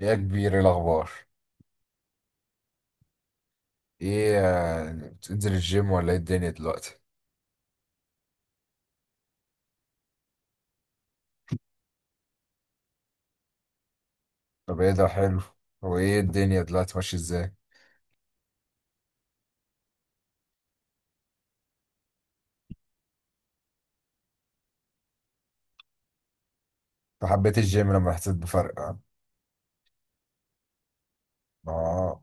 ايه يا كبير، إيه الاخبار؟ ايه آه، بتنزل الجيم ولا ايه الدنيا دلوقتي؟ طب ايه ده، حلو. هو ايه الدنيا دلوقتي ماشيه ازاي؟ أنت حبيت الجيم لما حسيت بفرق، اه؟ آه.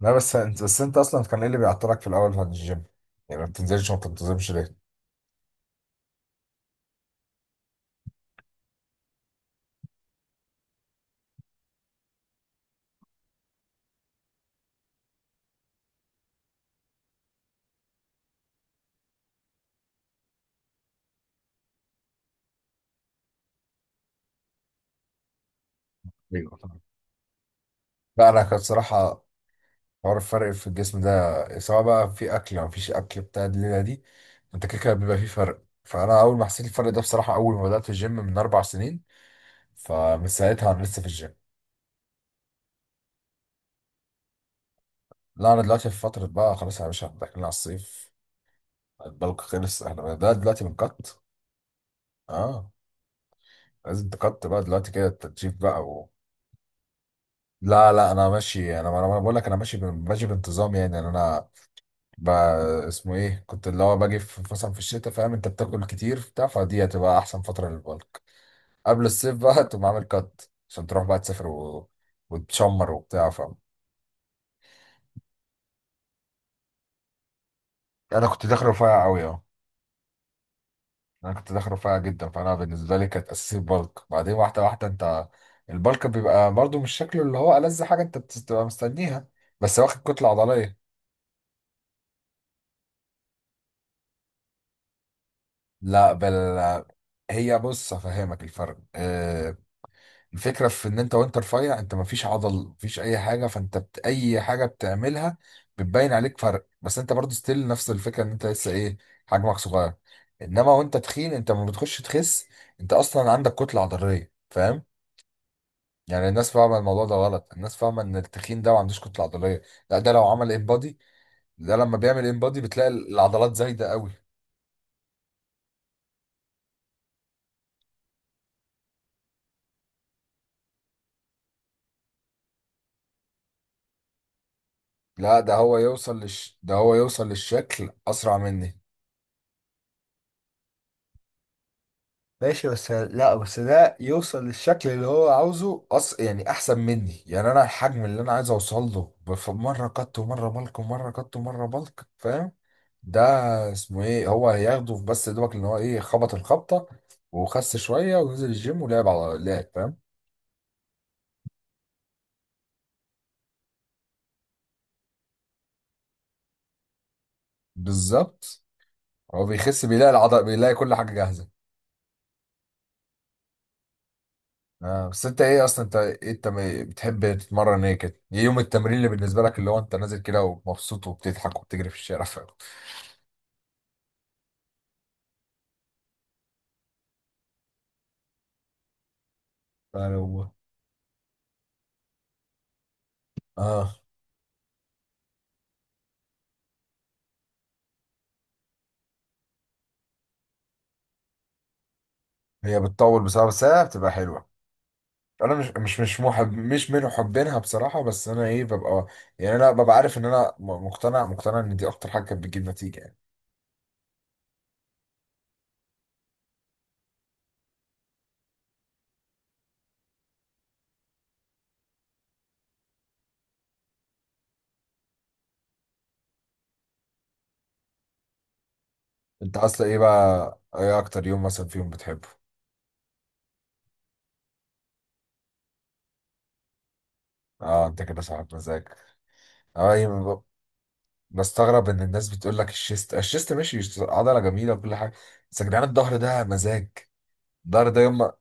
لا بس انت اصلا كان ايه اللي بيعطلك في الاول عن الجيم؟ يعني ما بتنزلش وما بتنتظمش ليه؟ ايوه طبعا. لا انا كان صراحه حوار الفرق في الجسم ده، سواء بقى في اكل او مفيش اكل بتاع الليله دي، انت كده كده بيبقى فيه فرق، فانا اول ما حسيت الفرق ده بصراحه اول ما بدات الجيم من 4 سنين، فمن ساعتها انا لسه في الجيم. لا انا دلوقتي في فتره بقى، خلاص يا باشا داخلين على الصيف، البلك خلص، احنا ده دلوقتي بنقط. اه، لازم تقط بقى دلوقتي كده، التنشيف بقى و... لا لا انا ماشي، انا انا أنا بقول لك انا ماشي ماشي بانتظام، يعني انا بقى اسمه ايه، كنت اللي هو باجي في مثلا في الشتاء، فاهم؟ انت بتاكل كتير بتاع، فدي هتبقى احسن فتره للبلك قبل الصيف بقى تقوم عامل قط عشان تروح بقى تسافر و... وتشمر وبتاع، فاهم؟ انا كنت داخل رفيع قوي، اه. انا كنت داخل رفيع جدا، فانا بالنسبه لي كانت اساسي البلك، بعدين واحده واحده. انت البلك بيبقى برضو مش شكله اللي هو ألذ حاجه انت بتبقى مستنيها، بس واخد كتله عضليه. لا بل، هي بص افهمك الفرق. الفكره في ان انت وانت رفيع، انت مفيش عضل مفيش اي حاجه، فانت اي حاجه بتعملها بتبين عليك فرق، بس انت برضو ستيل نفس الفكره ان انت لسه ايه، حجمك صغير. انما وانت تخين، انت لما بتخش تخس انت اصلا عندك كتله عضليه، فاهم؟ يعني الناس فاهمه الموضوع ده غلط، الناس فاهمه ان التخين ده ما عندوش كتله عضليه. لا ده لو عمل امبادي، ده لما بيعمل امبادي بتلاقي العضلات زايده قوي. لا ده هو يوصل ده هو يوصل للشكل اسرع مني. ماشي بس لا بس ده يوصل للشكل اللي هو عاوزه، يعني احسن مني، يعني انا الحجم اللي انا عايز اوصل له مره كت ومره بلك ومره كت ومره بلك، فاهم؟ ده اسمه ايه، هو هياخده بس دوبك ان هو ايه خبط الخبطه وخس شويه ونزل الجيم ولعب على لعب، فاهم؟ بالظبط. هو بيخس بيلاقي العضل، بيلاقي كل حاجه جاهزه. آه بس انت ايه اصلا، انت ايه انت بتحب تتمرن ايه كده، ايه يوم التمرين اللي بالنسبه لك اللي هو انت نازل كده ومبسوط وبتضحك وبتجري في الشارع فاهم؟ فلو اه، هي بتطول بصراحه بس هي بتبقى حلوه. انا مش محب، مش من محبينها بصراحه، بس انا ايه ببقى يعني، انا ببقى عارف ان انا مقتنع، مقتنع ان دي اكتر حاجه كانت بتجيب نتيجه يعني. انت اصلا ايه بقى، ايه اكتر يوم مثلا فيهم بتحبه؟ اه، انت كده صاحب مزاج. اه، بستغرب ان الناس بتقول لك الشيست الشيست، ماشي عضله جميله وكل حاجه، بس يا جدعان الظهر ده مزاج. الظهر ده يوم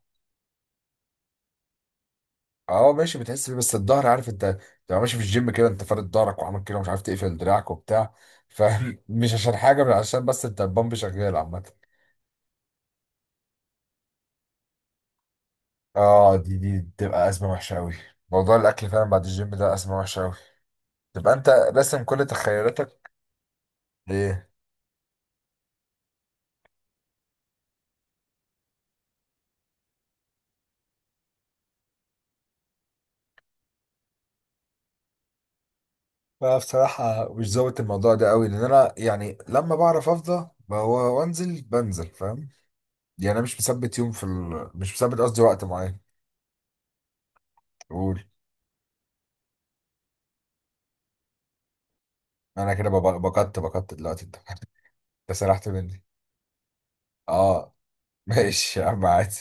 اه ماشي، بتحس بيه بس الظهر عارف انت، تبقى ماشي في الجيم كده انت فارد ظهرك وعامل كده، مش عارف تقفل دراعك وبتاع، فاهم؟ مش عشان حاجه، بل عشان بس انت البامب شغال عامه. اه، دي بتبقى ازمه وحشه قوي، موضوع الاكل فعلا بعد الجيم ده ازمه وحشه قوي. تبقى انت راسم كل تخيلاتك. ايه بقى، بصراحة مش ظابط الموضوع ده قوي، لأن أنا يعني لما بعرف أفضى هو وأنزل بنزل، فاهم؟ يعني انا مش مثبت يوم مش مثبت، قصدي وقت معين. قول. انا كده بقدت بقدت دلوقتي انت انت سرحت مني. اه، ماشي يا عم عادي.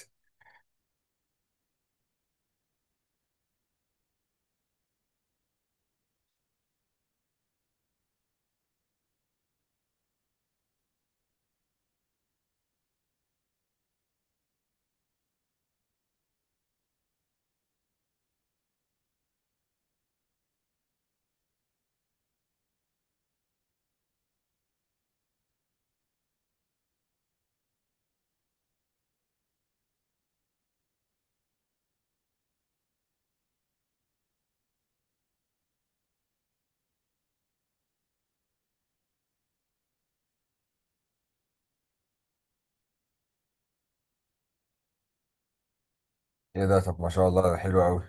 ايه ده، طب ما شاء الله ده حلو قوي.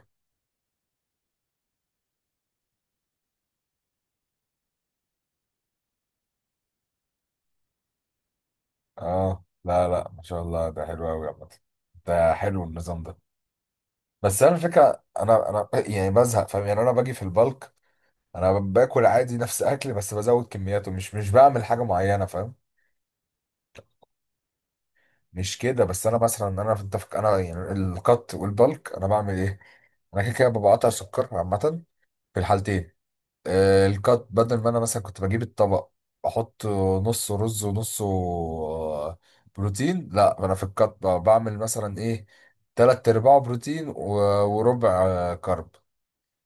اه لا لا، ما شاء الله ده حلو قوي عامة، ده حلو النظام ده. بس انا الفكرة، انا انا يعني بزهق فاهم، يعني انا باجي في البلك انا باكل عادي نفس اكلي، بس بزود كمياته، مش بعمل حاجة معينة، فاهم؟ مش كده، بس انا مثلا انا في التفك، انا يعني القط والبلك انا بعمل ايه، انا كده كده بقطع سكر عامه في الحالتين. آه، القط بدل ما انا مثلا كنت بجيب الطبق، احط نص رز ونص بروتين. لا انا في القط بعمل مثلا ايه، تلات ارباع بروتين وربع كرب،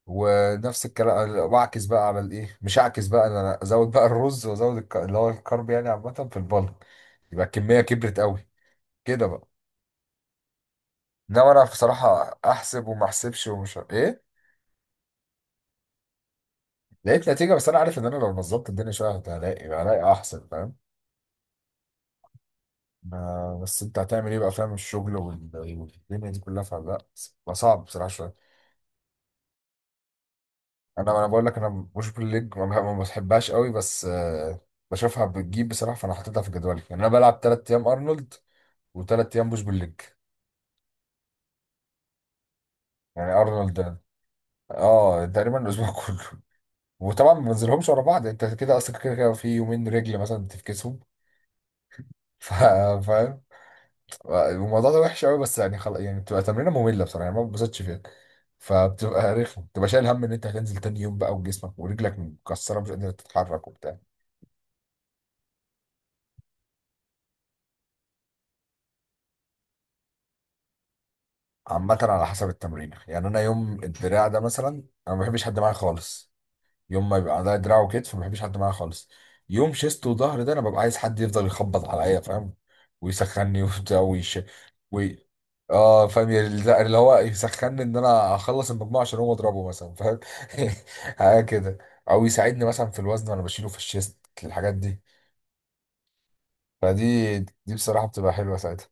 ونفس الكلام واعكس بقى على الايه، مش اعكس بقى، انا ازود بقى الرز وازود اللي هو الكرب، يعني عامه في البلك يبقى الكميه كبرت قوي كده بقى. انما انا بصراحه احسب وما احسبش ومش ايه. لقيت نتيجه، بس انا عارف ان انا لو نظبط الدنيا شويه هلاقي، هلاقي احسن، فاهم؟ بس انت هتعمل ايه بقى، فاهم الشغل والدنيا دي كلها، فلا. بقى صعب بصراحه شويه، انا انا بقول لك انا مش بالليج ما بحبهاش قوي بس بشوفها بتجيب بصراحه، فانا حاططها في جدولي، يعني انا بلعب 3 ايام ارنولد وثلاث ايام مش بالليج. يعني ارنولد ده اه تقريبا الاسبوع كله، وطبعا ما بنزلهمش ورا بعض، يعني انت كده اصلا كده كده في يومين رجل مثلا تفكسهم. ف- فاهم؟ الموضوع ده وحش قوي، بس يعني خلاص، يعني بتبقى تمرينه ممله بصراحه، يعني ما بتبسطش فيها، فبتبقى رخمه، بتبقى شايل هم ان انت هتنزل تاني يوم بقى وجسمك ورجلك مكسره، مش قادر تتحرك وبتاع. عامه على حسب التمرين، يعني انا يوم الدراع ده مثلا انا ما بحبش حد معايا خالص، يوم ما بيبقى عندها دراع وكتف ما بحبش حد معايا خالص. يوم شيست وظهر ده انا ببقى عايز حد يفضل يخبط عليا، فاهم؟ ويسخني وبتاع ويش وي... اه فاهم يعني، اللي هو يسخني ان انا اخلص المجموعه عشان هو اضربه مثلا، فاهم؟ حاجه كده، او يساعدني مثلا في الوزن وانا بشيله في الشيست الحاجات دي، فدي بصراحه بتبقى حلوه ساعتها.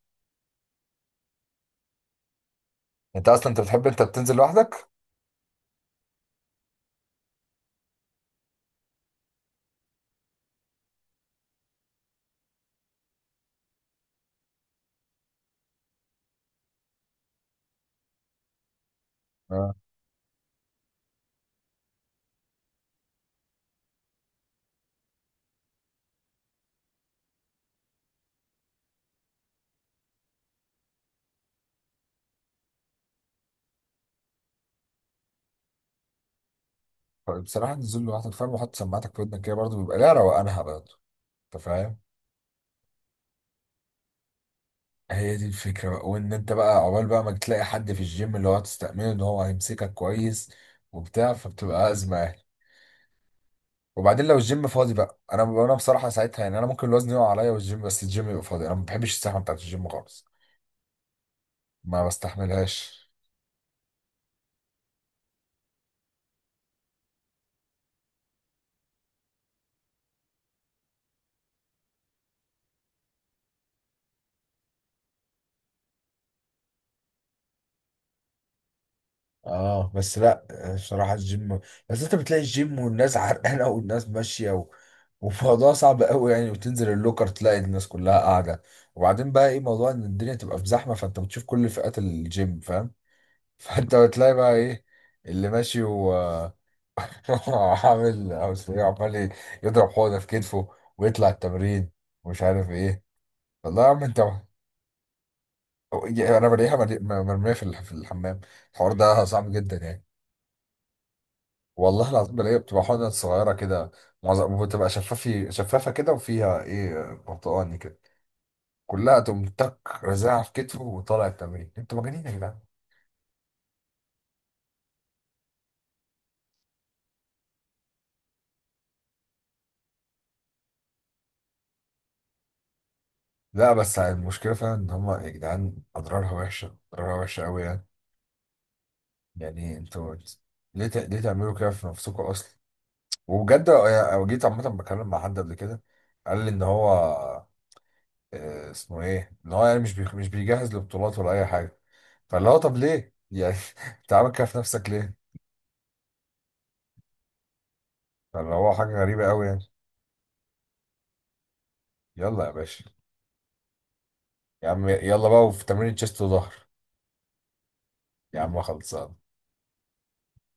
انت اصلا انت بتحب، انت بتنزل لوحدك؟ اه بصراحه نزول لوحدك فاهم، وحط سماعتك في ودنك كده برضه بيبقى لها روقانها برضه. انت فاهم، هي دي الفكرة بقى، وان انت بقى عقبال بقى ما تلاقي حد في الجيم اللي هو تستأمنه ان هو هيمسكك كويس وبتاع، فبتبقى أزمة يعني. وبعدين لو الجيم فاضي بقى، انا انا بصراحة ساعتها يعني انا ممكن الوزن يقع عليا والجيم بس الجيم يبقى فاضي، انا ما بحبش الزحمة بتاعت الجيم خالص، ما بستحملهاش. اه بس لا، بصراحة الجيم، بس انت بتلاقي الجيم والناس عرقانة والناس ماشية و... وموضوع صعب قوي يعني، وتنزل اللوكر تلاقي الناس كلها قاعدة. وبعدين بقى ايه موضوع ان الدنيا تبقى في زحمة، فانت بتشوف كل فئات الجيم، فاهم؟ فانت بتلاقي بقى ايه اللي ماشي وعامل او ايه، عمال يضرب حوضه في كتفه ويطلع التمرين، ومش عارف ايه. والله يا عم انت، انا بلاقيها مرميه في الحمام، الحوار ده صعب جدا يعني. والله العظيم بلاقيها بتبقى حوضه صغيره كده، معظم بتبقى شفافه كده وفيها ايه برتقاني كده، كلها تقوم تك رازعها في كتفه وطالع التمرين، انتوا مجانين يا جدعان. لا بس المشكله فعلا ان هم يا جدعان اضرارها وحشه، اضرارها وحشه قوي يعني، يعني انتوا ليه تعملوا كده في نفسكم اصلا؟ وبجد أنا جيت عامه بكلم مع حد قبل كده، قال لي ان هو آه اسمه ايه، ان هو يعني مش بيجهز لبطولات ولا اي حاجه، فاللي هو طب ليه يعني انت عامل كده في نفسك ليه؟ فاللي هو حاجه غريبه قوي يعني. يلا يا باشا. يا عم يلا بقى، وفي تمرين تشيست وظهر. يا عم خلصان.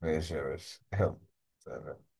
ماشي يا باشا يلا. سلام.